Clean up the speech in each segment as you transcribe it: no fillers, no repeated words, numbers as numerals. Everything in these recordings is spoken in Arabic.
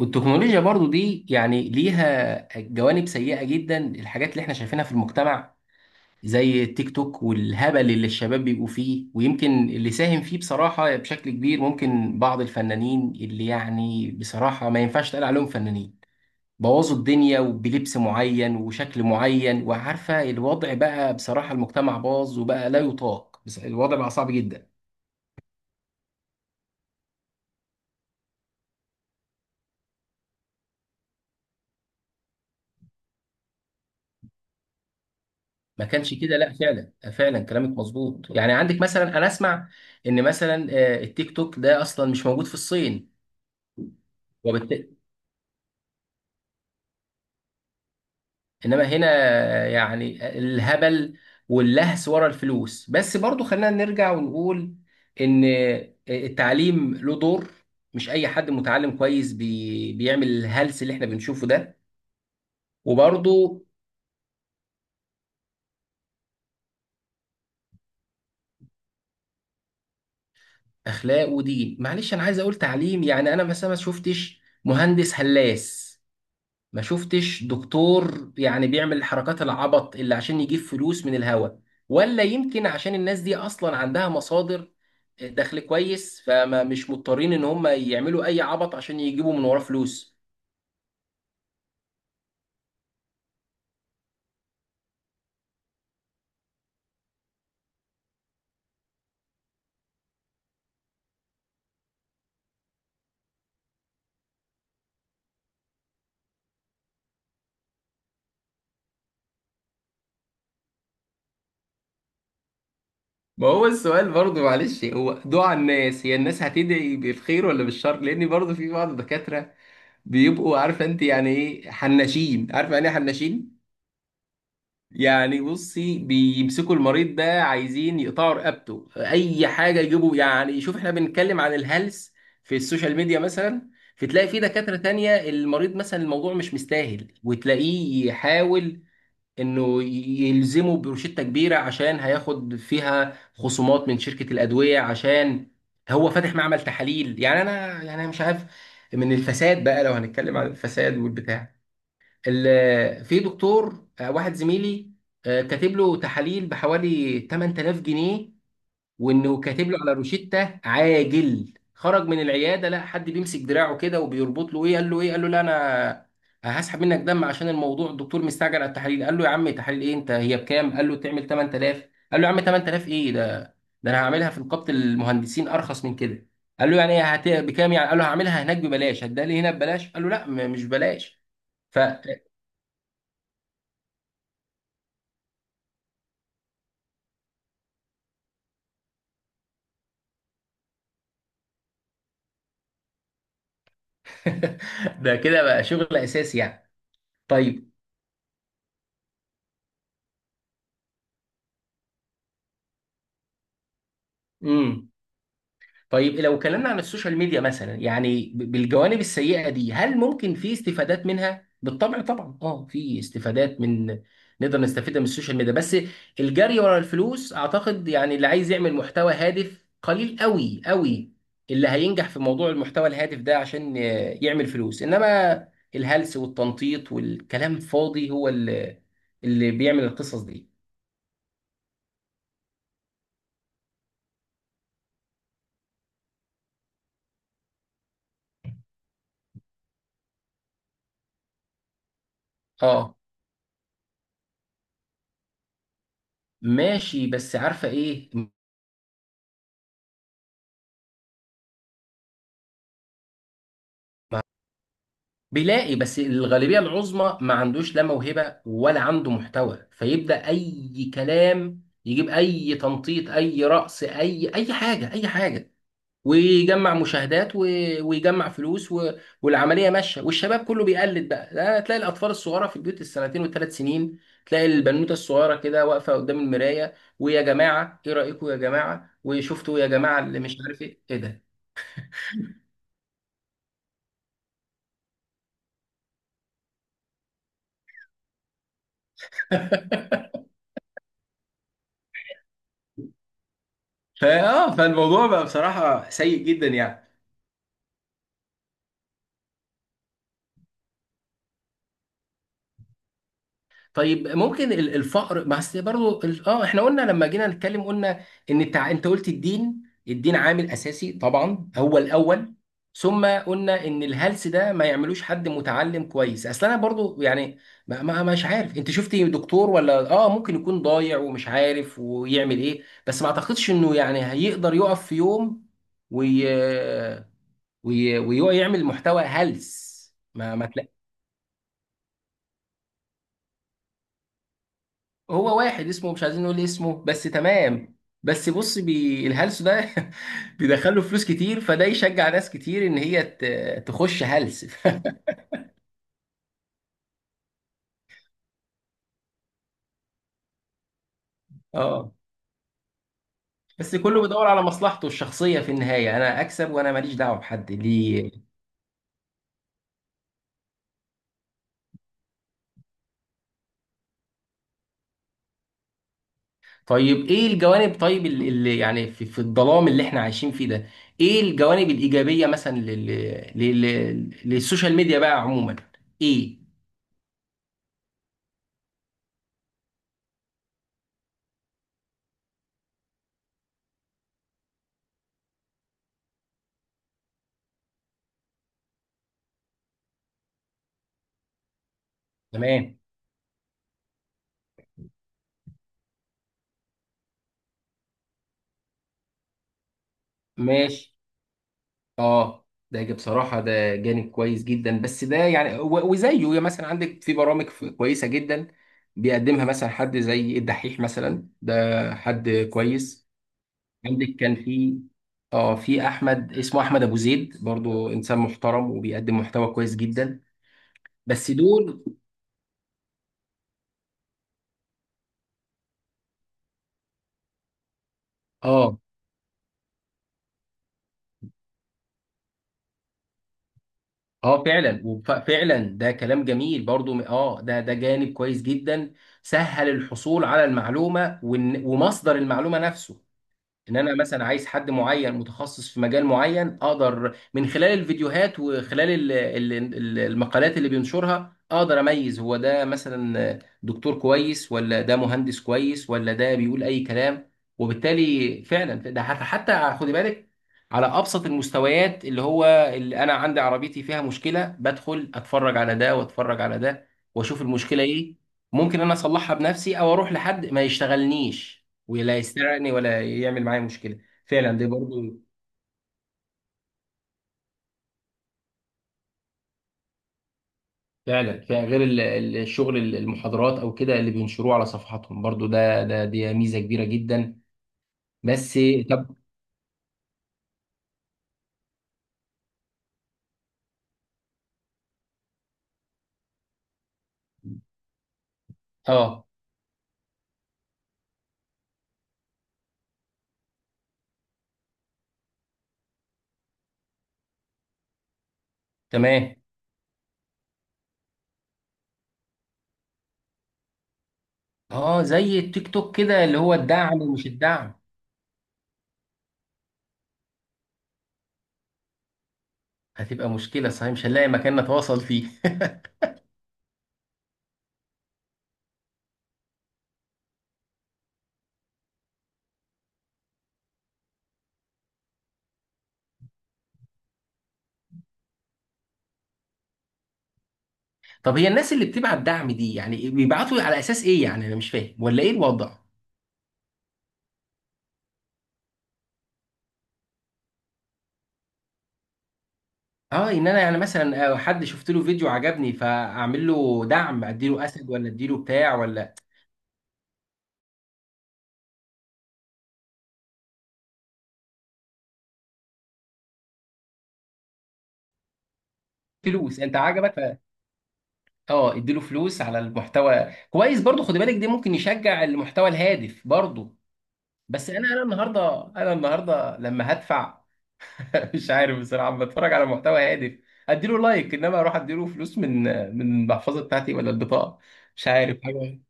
والتكنولوجيا برضو دي يعني ليها جوانب سيئة جدا، الحاجات اللي احنا شايفينها في المجتمع زي التيك توك والهبل اللي الشباب بيبقوا فيه. ويمكن اللي ساهم فيه بصراحة بشكل كبير ممكن بعض الفنانين اللي يعني بصراحة ما ينفعش تقال عليهم فنانين، بوظوا الدنيا وبلبس معين وشكل معين، وعارفة الوضع بقى. بصراحة المجتمع باظ وبقى لا يطاق، بس الوضع بقى صعب جدا. ما كانش كده، لا فعلا فعلا كلامك مظبوط. يعني عندك مثلا انا اسمع ان مثلا التيك توك ده اصلا مش موجود في الصين. وبالت... انما هنا يعني الهبل واللهس ورا الفلوس. بس برضو خلينا نرجع ونقول ان التعليم له دور. مش اي حد متعلم كويس بيعمل الهلس اللي احنا بنشوفه ده. وبرضو اخلاق ودين، معلش انا عايز اقول تعليم. يعني انا مثلا ما شفتش مهندس هلاس، ما شفتش دكتور يعني بيعمل الحركات العبط اللي عشان يجيب فلوس من الهوا، ولا يمكن عشان الناس دي اصلا عندها مصادر، دخل كويس، فما مش مضطرين ان هم يعملوا اي عبط عشان يجيبوا من وراه فلوس. ما هو السؤال برضه، معلش، هو دعاء الناس، هي الناس هتدعي بالخير ولا بالشر؟ لان برضه في بعض الدكاترة بيبقوا عارفه انت يعني ايه حناشين، عارفه يعني ايه حناشين. يعني بصي بيمسكوا المريض ده عايزين يقطعوا رقبته، اي حاجه يجيبوا. يعني شوف، احنا بنتكلم عن الهلس في السوشيال ميديا مثلا، فتلاقي في دكاتره تانية المريض مثلا الموضوع مش مستاهل وتلاقيه يحاول انه يلزمه بروشته كبيره عشان هياخد فيها خصومات من شركه الادويه، عشان هو فاتح معمل تحاليل. يعني انا، يعني أنا مش عارف من الفساد بقى لو هنتكلم عن الفساد والبتاع. في دكتور واحد زميلي كاتب له تحاليل بحوالي 8000 جنيه، وانه كاتب له على روشتة عاجل. خرج من العياده، لا حد بيمسك دراعه كده وبيربط له. ايه؟ قال له ايه؟ قال له لا، انا هسحب منك دم عشان الموضوع الدكتور مستعجل على التحاليل. قال له يا عم، تحاليل ايه؟ انت هي بكام؟ قال له تعمل 8000. قال له يا عم، 8000 ايه ده؟ ده انا هعملها في نقابه المهندسين ارخص من كده. قال له يعني إيه بكام يعني؟ قال له هعملها هناك ببلاش، هتديها لي هنا ببلاش؟ قال له لا، مش ببلاش. ف ده كده بقى شغل اساسي يعني. طيب. امم طيب، لو اتكلمنا عن السوشيال ميديا مثلا، يعني بالجوانب السيئه دي، هل ممكن في استفادات منها؟ بالطبع، طبعا اه في استفادات من نقدر نستفيد من السوشيال ميديا، بس الجري ورا الفلوس. اعتقد يعني اللي عايز يعمل محتوى هادف قليل قوي قوي، اللي هينجح في موضوع المحتوى الهادف ده عشان يعمل فلوس، انما الهلس والتنطيط والكلام فاضي هو اللي اللي بيعمل القصص دي. آه. ماشي، بس عارفه ايه. ما- بيلاقي، بس الغالبيه العظمى ما عندوش لا موهبه ولا عنده محتوى، فيبدا اي كلام، يجيب اي تنطيط، اي رقص، اي حاجه، اي حاجه. ويجمع مشاهدات ويجمع فلوس والعمليه ماشيه والشباب كله بيقلد بقى. لا تلاقي الاطفال الصغيره في البيوت، السنتين والثلاث سنين، تلاقي البنوته الصغيره كده واقفه قدام المرايه: ويا جماعه ايه رايكم، يا جماعه وشفتوا، يا جماعه اللي مش عارف ايه ايه. ده فالموضوع بقى بصراحه سيء جدا يعني. طيب، ممكن الفقر. بس برضه احنا قلنا لما جينا نتكلم، قلنا ان انت قلت الدين. الدين عامل اساسي طبعا، هو الاول، ثم قلنا ان الهلس ده ما يعملوش حد متعلم كويس. اصل انا برضه يعني ما مش عارف، انت شفتي دكتور؟ ولا اه ممكن يكون ضايع ومش عارف ويعمل ايه، بس ما اعتقدش انه يعني هيقدر يقف في يوم وي... ويعمل محتوى هلس. ما ما هو واحد اسمه مش عايزين نقول اسمه، بس تمام. بس بص الهلس ده بيدخله فلوس كتير، فده يشجع ناس كتير ان هي تخش هلس اه، بس كله بيدور على مصلحته الشخصية في النهاية، انا اكسب وانا ماليش دعوة بحد ليه. طيب ايه الجوانب؟ طيب اللي اللي يعني في الظلام اللي احنا عايشين فيه ده، ايه الجوانب الإيجابية مثلا لل... للسوشيال ميديا بقى عموما، ايه؟ تمام. ماشي. اه ده بصراحة ده جانب كويس جدا. بس ده يعني وزيه، يعني مثلا عندك في برامج كويسة جدا بيقدمها مثلا حد زي الدحيح مثلا، ده حد كويس. عندك كان في اه في احمد، اسمه احمد ابو زيد، برضو انسان محترم وبيقدم محتوى كويس جدا، بس دول. اه. اه فعلا فعلا ده كلام جميل برضو، ده ده جانب كويس جدا، سهل الحصول على المعلومة ومصدر المعلومة نفسه. ان انا مثلا عايز حد معين متخصص في مجال معين، اقدر من خلال الفيديوهات وخلال المقالات اللي بينشرها، اقدر اميز هو ده مثلا دكتور كويس ولا ده مهندس كويس ولا ده بيقول اي كلام. وبالتالي فعلا ده، حتى حتى خدي بالك، على ابسط المستويات، اللي هو اللي انا عندي عربيتي فيها مشكله، بدخل اتفرج على ده واتفرج على ده واشوف المشكله ايه. ممكن انا اصلحها بنفسي او اروح لحد ما يشتغلنيش ولا يسرقني ولا يعمل معايا مشكله. فعلا دي برضو. فعلا فعلا غير الشغل المحاضرات او كده اللي بينشروه على صفحاتهم برضو، ده ده دي ميزه كبيره جدا. بس طب اه. تمام. اه زي التيك توك كده، اللي هو الدعم ومش الدعم. هتبقى مشكله صحيح، مش هنلاقي مكان نتواصل فيه طب هي الناس اللي بتبعت دعم دي، يعني بيبعتوا على اساس ايه؟ يعني انا مش فاهم، ولا ايه الوضع؟ اه، ان انا يعني مثلا حد شفت له فيديو عجبني فاعمل له دعم، اديله اسد ولا اديله بتاع ولا فلوس انت عجبك اه اديله فلوس على المحتوى كويس، برضو خد بالك ده ممكن يشجع المحتوى الهادف برضو. بس انا النهارده لما هدفع مش عارف بصراحه. لما اتفرج على محتوى هادف اديله لايك، انما اروح اديله فلوس من من المحفظه بتاعتي ولا البطاقه؟ مش عارف حاجه.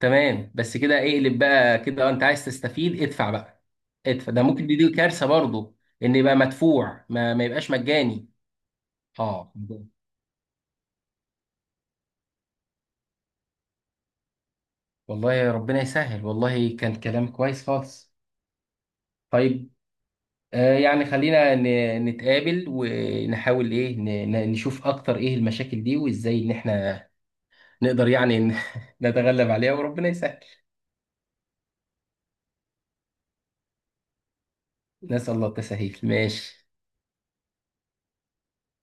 تمام، بس كده اقلب بقى كده، انت عايز تستفيد ادفع بقى. ادفع ده ممكن، دي كارثه برضو، ان يبقى مدفوع، ما يبقاش مجاني. اه والله يا ربنا يسهل. والله كان كلام كويس خالص. طيب، يعني خلينا نتقابل ونحاول ايه، نشوف اكتر ايه المشاكل دي، وازاي ان احنا نقدر يعني نتغلب عليها وربنا يسهل. نسأل الله التسهيل، ماشي.